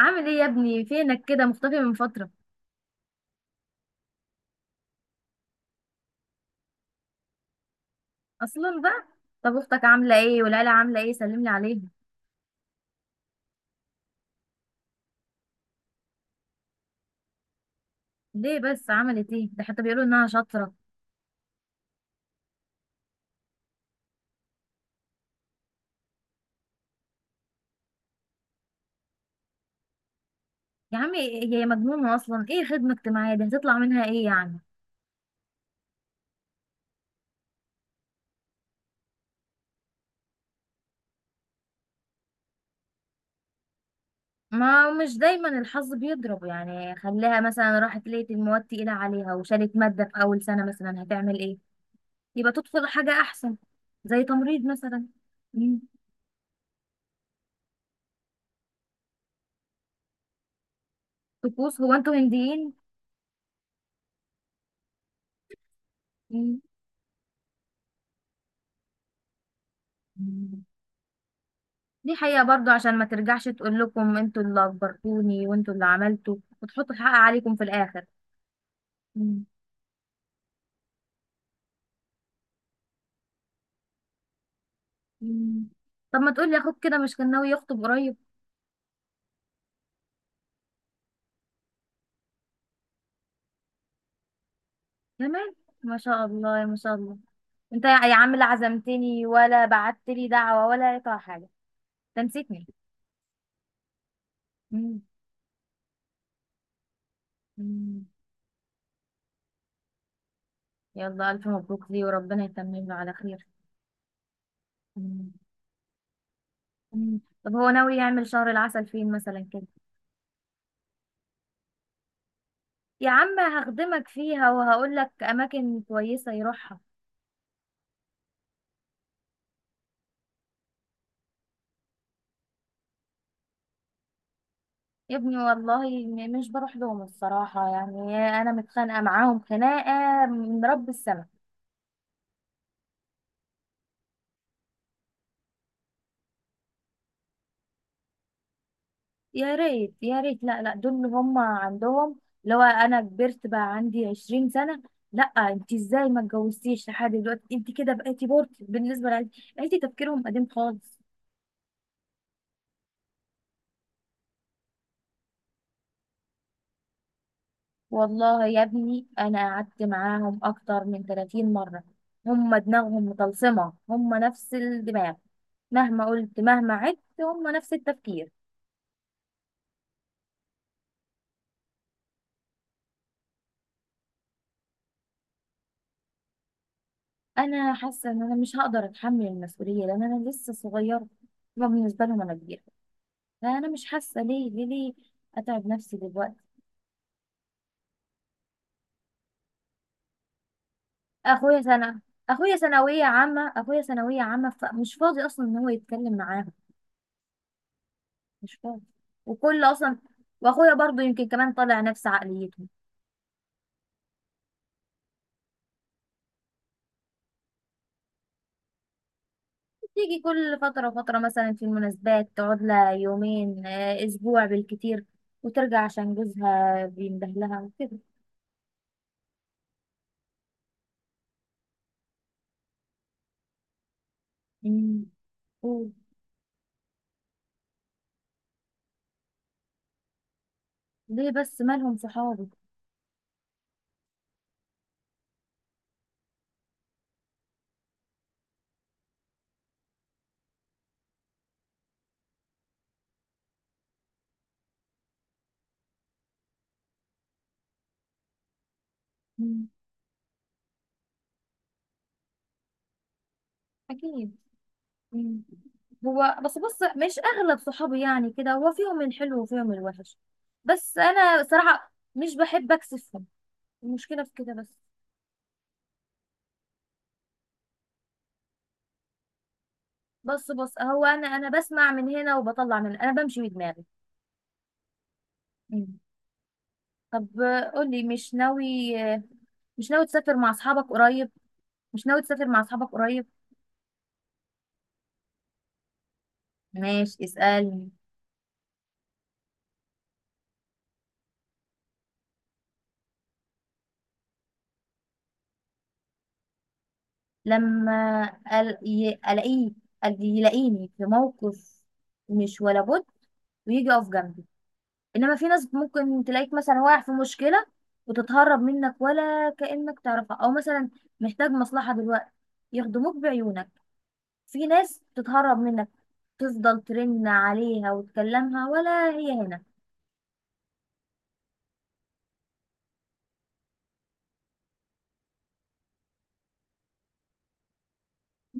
عامل ايه يا ابني؟ فينك كده مختفي من فترة اصلا بقى؟ طب اختك عاملة ايه والعيلة عاملة ايه؟ سلملي عليهم. ليه بس؟ عملت ايه؟ ده حتى بيقولوا انها شاطرة. يا عمي هي مجنونة اصلا، ايه خدمة اجتماعية دي؟ هتطلع منها ايه يعني؟ ما مش دايما الحظ بيضرب يعني، خليها مثلا راحت لقيت المواد تقيلة عليها وشالت مادة في اول سنة، مثلا هتعمل ايه؟ يبقى تدخل حاجة احسن، زي تمريض مثلا. مم. طقوس؟ هو انتوا هنديين؟ مم. دي حقيقة برضو، عشان ما ترجعش تقول لكم انتوا اللي اجبرتوني وانتوا اللي عملتوا وتحطوا الحق عليكم في الاخر. مم. مم. طب ما تقولي، اخوك كده مش كان ناوي يخطب قريب؟ كمان؟ ما شاء الله ما شاء الله. انت يا عم، لا عزمتني ولا بعت لي دعوة ولا اي حاجة، تنسيتني. مم. مم. يلا الف مبروك ليه وربنا يتمم له على خير. مم. مم. طب هو ناوي يعمل شهر العسل فين مثلا كده؟ يا عم هخدمك فيها وهقول لك اماكن كويسة يروحها. يا ابني والله مش بروح لهم الصراحة يعني، أنا متخانقة معاهم خناقة من رب السماء. يا ريت يا ريت، لا لا دول اللي هم عندهم، لو أنا كبرت بقى عندي 20 سنة. لا انت ازاي ما اتجوزتيش لحد دلوقتي؟ انت كده بقيتي بورت بالنسبة لعيلتي، عيلتي تفكيرهم قديم خالص. والله يا ابني أنا قعدت معاهم أكتر من 30 مرة، هم دماغهم مطلسمة، هم نفس الدماغ. مهما قلت مهما عدت هم نفس التفكير. انا حاسه ان انا مش هقدر اتحمل المسؤوليه لان انا لسه صغيره، ما بالنسبه لهم انا كبيره، فانا مش حاسه ليه اتعب نفسي دلوقتي. اخويا سنه، اخويا ثانويه عامه، اخويا ثانويه عامه، فمش فاضي اصلا ان هو يتكلم معاهم، مش فاضي. وكل اصلا، واخويا برضو يمكن كمان طالع نفس عقليتهم. تيجي كل فتره وفتره مثلا في المناسبات، تقعد لها يومين، اسبوع بالكتير، وترجع عشان جوزها بيندهلها وكده. أمم. ليه بس؟ مالهم صحابي؟ مم. اكيد. مم. هو بس بص، مش اغلب صحابي يعني كده، هو فيهم الحلو وفيهم الوحش، بس انا صراحة مش بحب اكسفهم. المشكلة في كده بس. بص بص، هو انا بسمع من هنا وبطلع من، انا بمشي بدماغي. مم. طب قولي، مش ناوي، مش ناوي تسافر مع اصحابك قريب؟ مش ناوي تسافر مع اصحابك قريب؟ ماشي اسألني. لما ال- ي- الاقيه يلاقيني في موقف مش ولا بد ويجي يقف جنبي. انما في ناس ممكن تلاقيك مثلا واقع في مشكله وتتهرب منك ولا كانك تعرفها، او مثلا محتاج مصلحه دلوقتي يخدموك بعيونك، في ناس تتهرب منك، تفضل ترن عليها وتكلمها ولا هي هنا.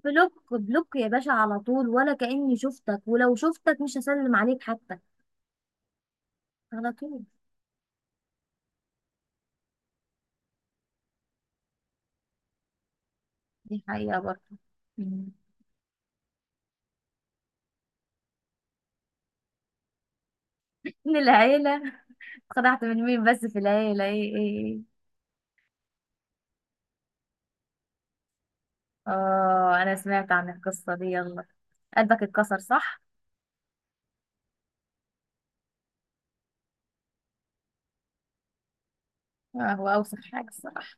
بلوك بلوك يا باشا، على طول، ولا كأني شفتك، ولو شفتك مش هسلم عليك حتى. على طول. دي حقيقة برضه. من العيلة اتخدعت من مين بس في العيلة؟ ايه ايه ايه؟ اه، انا سمعت عن القصة دي، يلا قلبك اتكسر صح؟ هو اوسخ حاجة الصراحة.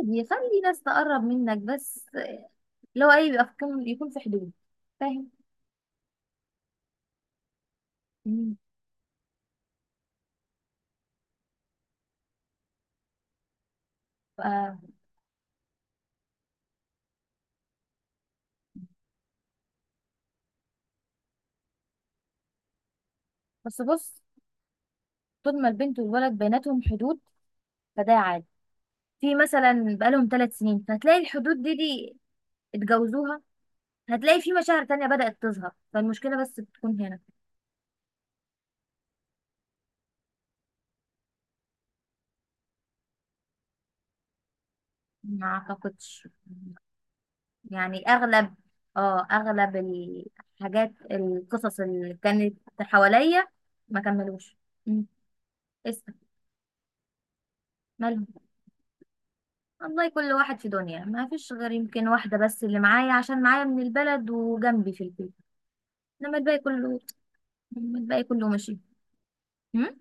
عادي، خلي ناس تقرب منك، بس، لو اي بيبقى في يكون في حدود، فاهم؟ مم. آه. بس بص، طول ما البنت والولد بيناتهم حدود فده عادي. في مثلا بقالهم 3 سنين فتلاقي الحدود دي اتجوزوها، هتلاقي في مشاعر تانية بدأت تظهر، فالمشكلة بس بتكون هنا. ما اعتقدش، يعني اغلب. اه اغلب الحاجات، القصص اللي كانت حواليا ما كملوش. مم. اسأل. مالهم؟ والله كل واحد في دنيا، ما فيش غير يمكن واحدة بس اللي معايا عشان معايا من البلد وجنبي في البيت، انما الباقي كله، إنما الباقي كله ماشي. مم؟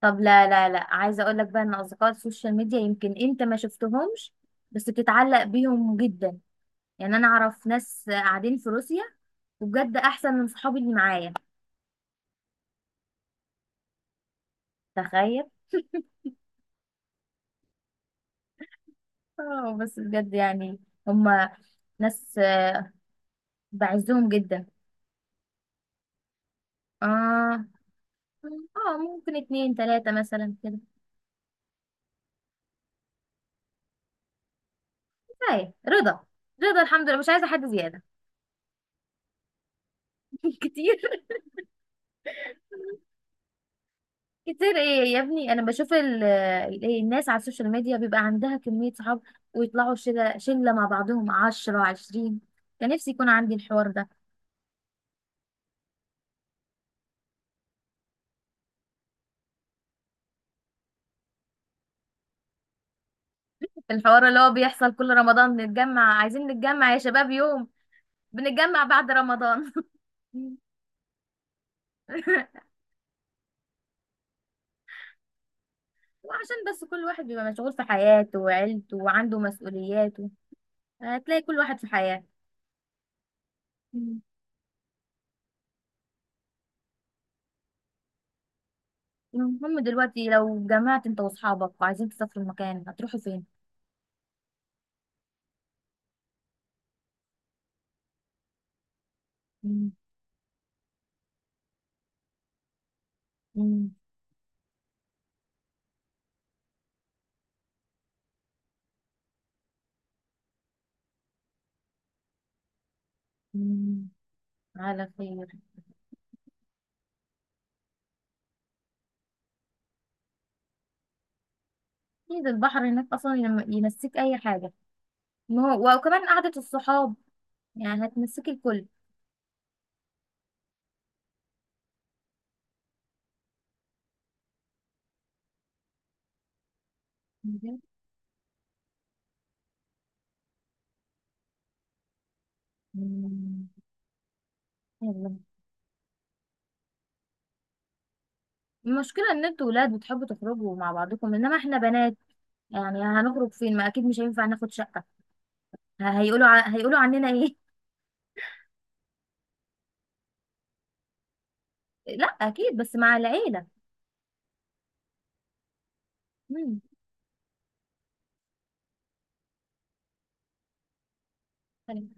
طب لا لا لا، عايزة اقول لك بقى ان اصدقاء السوشيال ميديا يمكن انت ما شفتهمش بس بتتعلق بيهم جدا. يعني انا اعرف ناس قاعدين في روسيا وبجد احسن من صحابي اللي معايا. تخيل. اه بس بجد يعني، هما ناس، بعزهم جدا. اه. اه ممكن اتنين تلاتة مثلا كده. كفاية رضا. رضا الحمد لله، مش عايزة حد زيادة. كتير. كتير ايه يا ابني؟ انا بشوف إيه الناس على السوشيال ميديا بيبقى عندها كمية صحاب ويطلعوا شلة شلة مع بعضهم، عشرة عشرين، كان نفسي يكون عندي الحوار ده. الحوار اللي هو بيحصل كل رمضان، نتجمع عايزين نتجمع يا شباب، يوم بنتجمع بعد رمضان. وعشان بس كل واحد بيبقى مشغول في حياته وعيلته وعنده مسؤولياته، هتلاقي كل واحد في حياة. مم. المهم دلوقتي لو جمعت انت واصحابك وعايزين تسافروا مكان هتروحوا فين؟ مم. مم. مم. على خير. اكيد البحر هناك اصلا ينسيك اي حاجة، وكمان قعدة الصحاب يعني هتنسيك الكل. بجد؟ مم. يلا. المشكلة ان انتوا ولاد بتحبوا تخرجوا مع بعضكم، انما احنا بنات، يعني هنخرج فين؟ ما اكيد مش هينفع ناخد شقة، هيقولوا عننا ايه؟ لا اكيد بس مع العيله. امم